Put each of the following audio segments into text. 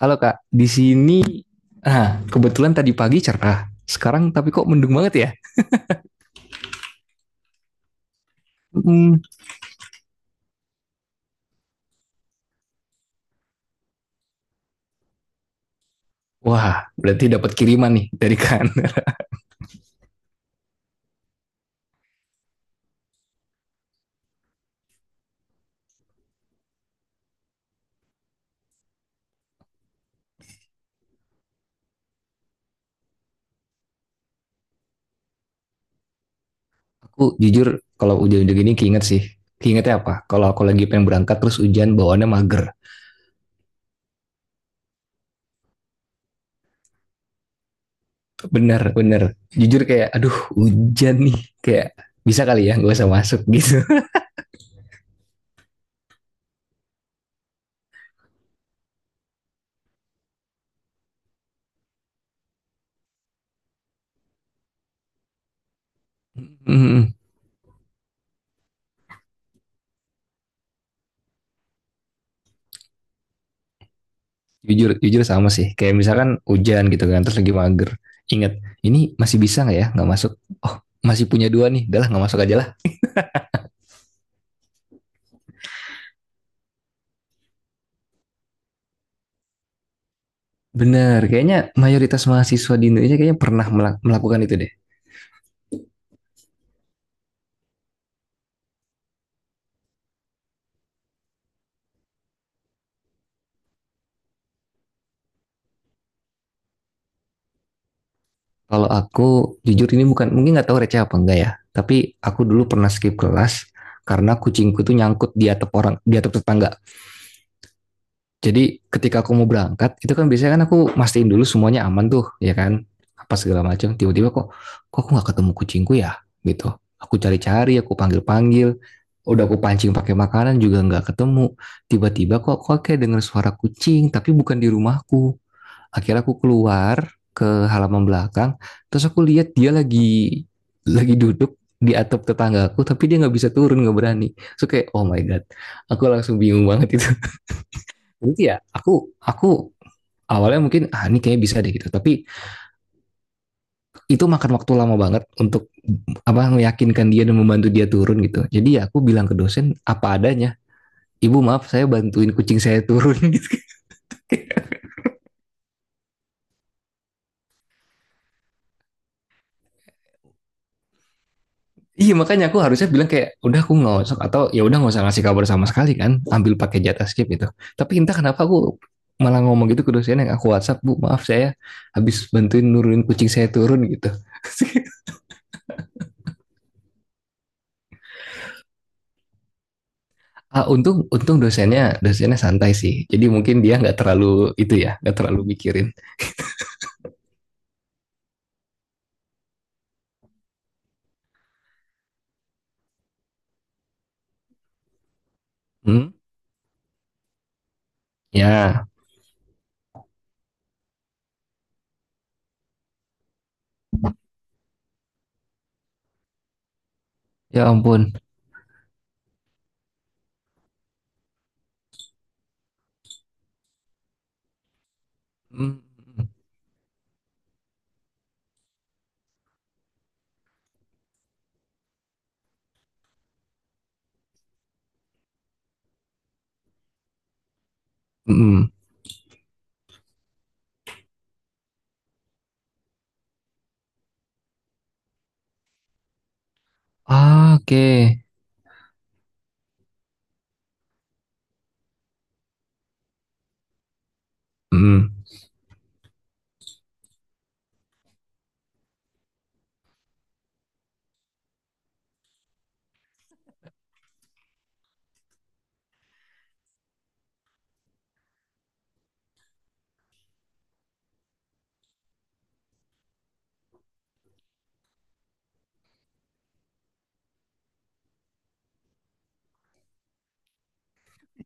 Halo Kak, di sini nah, kebetulan tadi pagi cerah. Sekarang tapi kok mendung banget ya? Mm. Wah, berarti dapat kiriman nih dari kan. Aku jujur kalau hujan-hujan gini keinget sih. Keingetnya apa? Kalau aku lagi pengen berangkat terus hujan bawaannya mager. Bener, bener. Jujur kayak aduh hujan nih. Kayak bisa kali ya nggak usah masuk gitu. Mm, Jujur, jujur sama sih. Kayak misalkan hujan gitu kan terus lagi mager. Ingat, ini masih bisa nggak ya nggak masuk? Oh, masih punya dua nih. Udah lah nggak masuk aja lah. Bener, kayaknya mayoritas mahasiswa di Indonesia kayaknya pernah melakukan itu deh. Kalau aku jujur ini bukan, mungkin nggak tahu receh apa enggak ya. Tapi aku dulu pernah skip kelas karena kucingku tuh nyangkut di atap orang, di atap tetangga. Jadi ketika aku mau berangkat, itu kan biasanya kan aku mastiin dulu semuanya aman tuh, ya kan? Apa segala macam. Tiba-tiba kok, kok aku nggak ketemu kucingku ya? Gitu. Aku cari-cari, aku panggil-panggil. Udah aku pancing pakai makanan juga nggak ketemu. Tiba-tiba kok kok kayak denger suara kucing, tapi bukan di rumahku. Akhirnya aku keluar ke halaman belakang, terus aku lihat dia lagi duduk di atap tetanggaku, tapi dia nggak bisa turun, nggak berani. So kayak, oh my god, aku langsung bingung banget itu. Jadi ya, aku awalnya mungkin ah ini kayaknya bisa deh gitu, tapi itu makan waktu lama banget untuk apa meyakinkan dia dan membantu dia turun gitu. Jadi ya aku bilang ke dosen apa adanya, ibu maaf saya bantuin kucing saya turun. Iya makanya aku harusnya bilang kayak udah aku nggak atau ya udah nggak usah ngasih kabar sama sekali kan ambil pakai jatah skip itu. Tapi entah kenapa aku malah ngomong gitu ke dosen yang aku WhatsApp bu maaf saya habis bantuin nurunin kucing saya turun gitu. Untung untung dosennya dosennya santai sih. Jadi mungkin dia nggak terlalu itu ya nggak terlalu mikirin. Hmm? Ya ya ampun. Hmm. Hmm. Ah, oke. Okay. Hmm.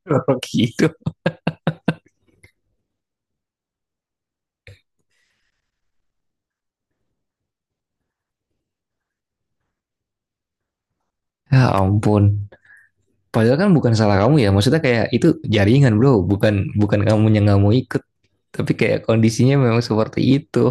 Kenapa gitu? Ya ampun. Padahal kan bukan salah kamu ya. Maksudnya kayak itu jaringan bro, bukan bukan kamu yang nggak mau ikut. Tapi kayak kondisinya memang seperti itu.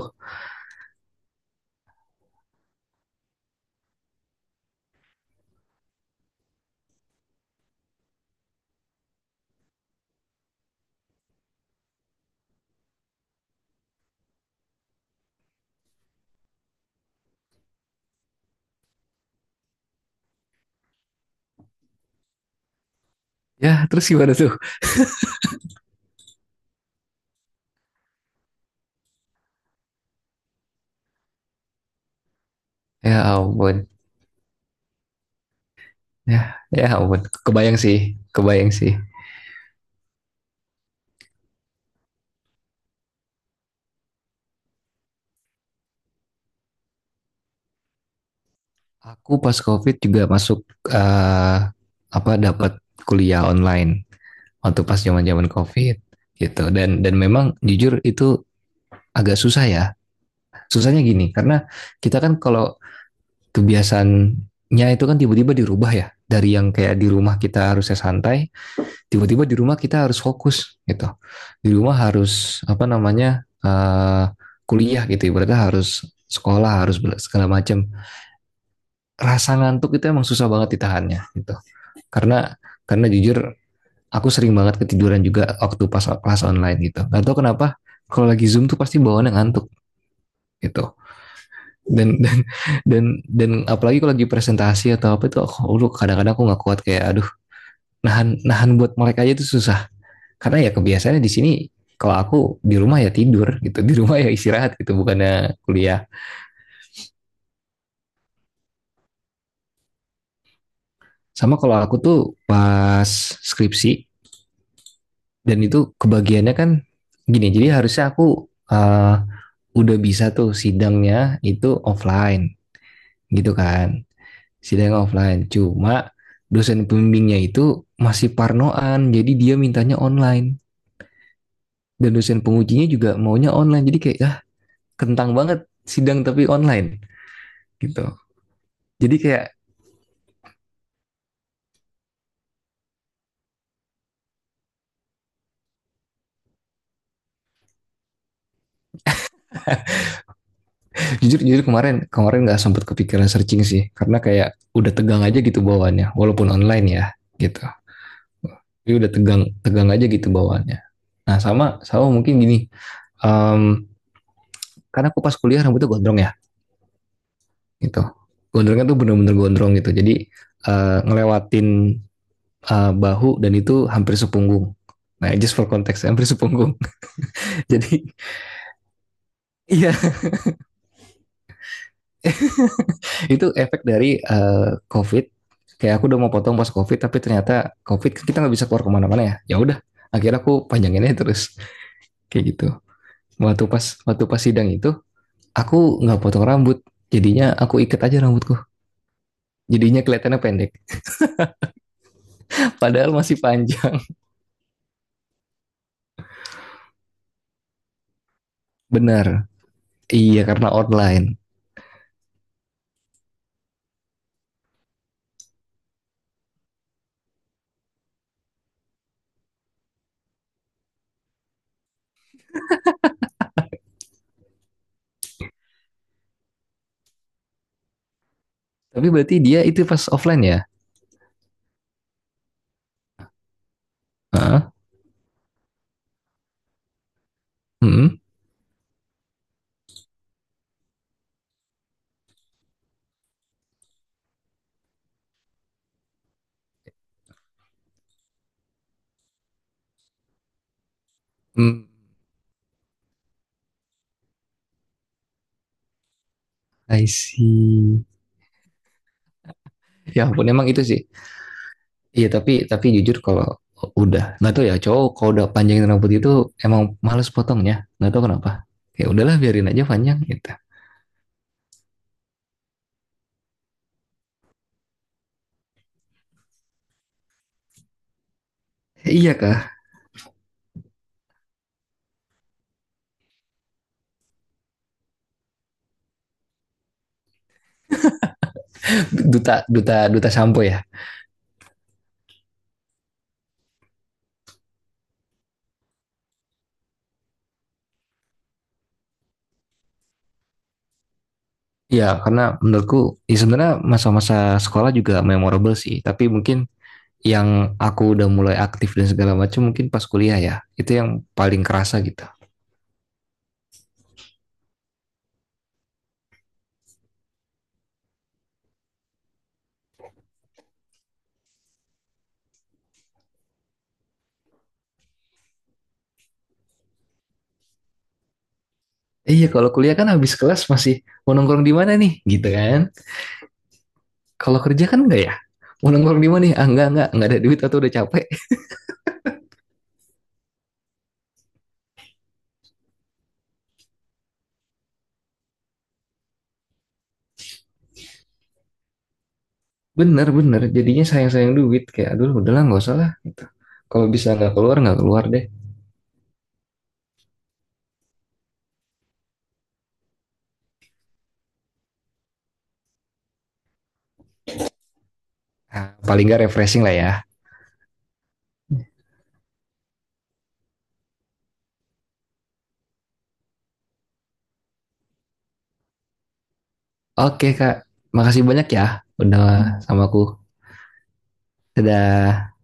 Ya terus gimana tuh? Ya ampun. Ya ya ampun. Kebayang sih, kebayang sih. Aku pas COVID juga masuk apa dapat kuliah online waktu pas zaman zaman COVID gitu. Dan memang jujur itu agak susah ya. Susahnya gini karena kita kan kalau kebiasaannya itu kan tiba-tiba dirubah ya dari yang kayak di rumah kita harusnya santai, tiba-tiba di rumah kita harus fokus gitu, di rumah harus apa namanya kuliah gitu berarti harus sekolah harus segala macam. Rasa ngantuk itu emang susah banget ditahannya gitu, karena karena jujur aku sering banget ketiduran juga waktu pas kelas online gitu, nggak tahu kenapa kalau lagi zoom tuh pasti bawaannya ngantuk gitu. Dan dan dan dan apalagi kalau lagi presentasi atau apa itu aku lu kadang-kadang aku nggak kuat kayak aduh, nahan nahan buat mereka aja itu susah karena ya kebiasaannya di sini kalau aku di rumah ya tidur gitu, di rumah ya istirahat gitu bukannya kuliah. Sama kalau aku tuh pas skripsi dan itu kebagiannya kan gini, jadi harusnya aku uh, udah bisa tuh sidangnya itu offline gitu kan, sidang offline. Cuma dosen pembimbingnya itu masih parnoan, jadi dia mintanya online. Dan dosen pengujinya juga maunya online. Jadi kayak, ah, kentang banget sidang tapi online gitu. Jadi kayak jujur jujur kemarin kemarin nggak sempat kepikiran searching sih karena kayak udah tegang aja gitu bawaannya walaupun online ya gitu. Tapi udah tegang tegang aja gitu bawaannya. Nah sama sama mungkin gini, um, karena aku pas kuliah rambutnya gondrong ya. Gitu, gondrongnya tuh bener-bener gondrong gitu jadi ngelewatin bahu dan itu hampir sepunggung, nah just for context hampir sepunggung. Jadi iya itu efek dari covid, kayak aku udah mau potong pas covid tapi ternyata covid kan kita nggak bisa keluar kemana-mana ya, ya udah akhirnya aku panjanginnya terus kayak gitu. Waktu pas waktu pas sidang itu aku nggak potong rambut jadinya aku ikat aja rambutku, jadinya kelihatannya pendek. Padahal masih panjang. Benar, iya karena online. Tapi berarti dia itu pas offline ya? Heeh. Hmm. Hmm. I see. Ya ampun emang itu sih. Iya tapi jujur kalau udah nggak tahu ya cowok kalau udah panjangin rambut itu emang males potongnya nggak tahu kenapa, ya udahlah biarin aja panjang gitu. Iya kah? Duta duta duta sampo ya. Iya, karena menurutku ya sebenarnya masa-masa sekolah juga memorable sih. Tapi mungkin yang aku udah mulai aktif dan segala macam mungkin pas kuliah ya. Itu yang paling kerasa gitu. Iya, kalau kuliah kan habis kelas masih mau nongkrong di mana nih, gitu kan? Kalau kerja kan enggak ya? Mau nongkrong di mana nih? Ah, enggak ada duit atau udah capek. Bener, bener. Jadinya sayang-sayang duit. Kayak, aduh, udahlah nggak usah lah. Gitu. Kalau bisa nggak keluar deh. Nah, paling nggak refreshing lah ya. Oke, Kak. Makasih banyak ya. Udah sama aku. Dadah.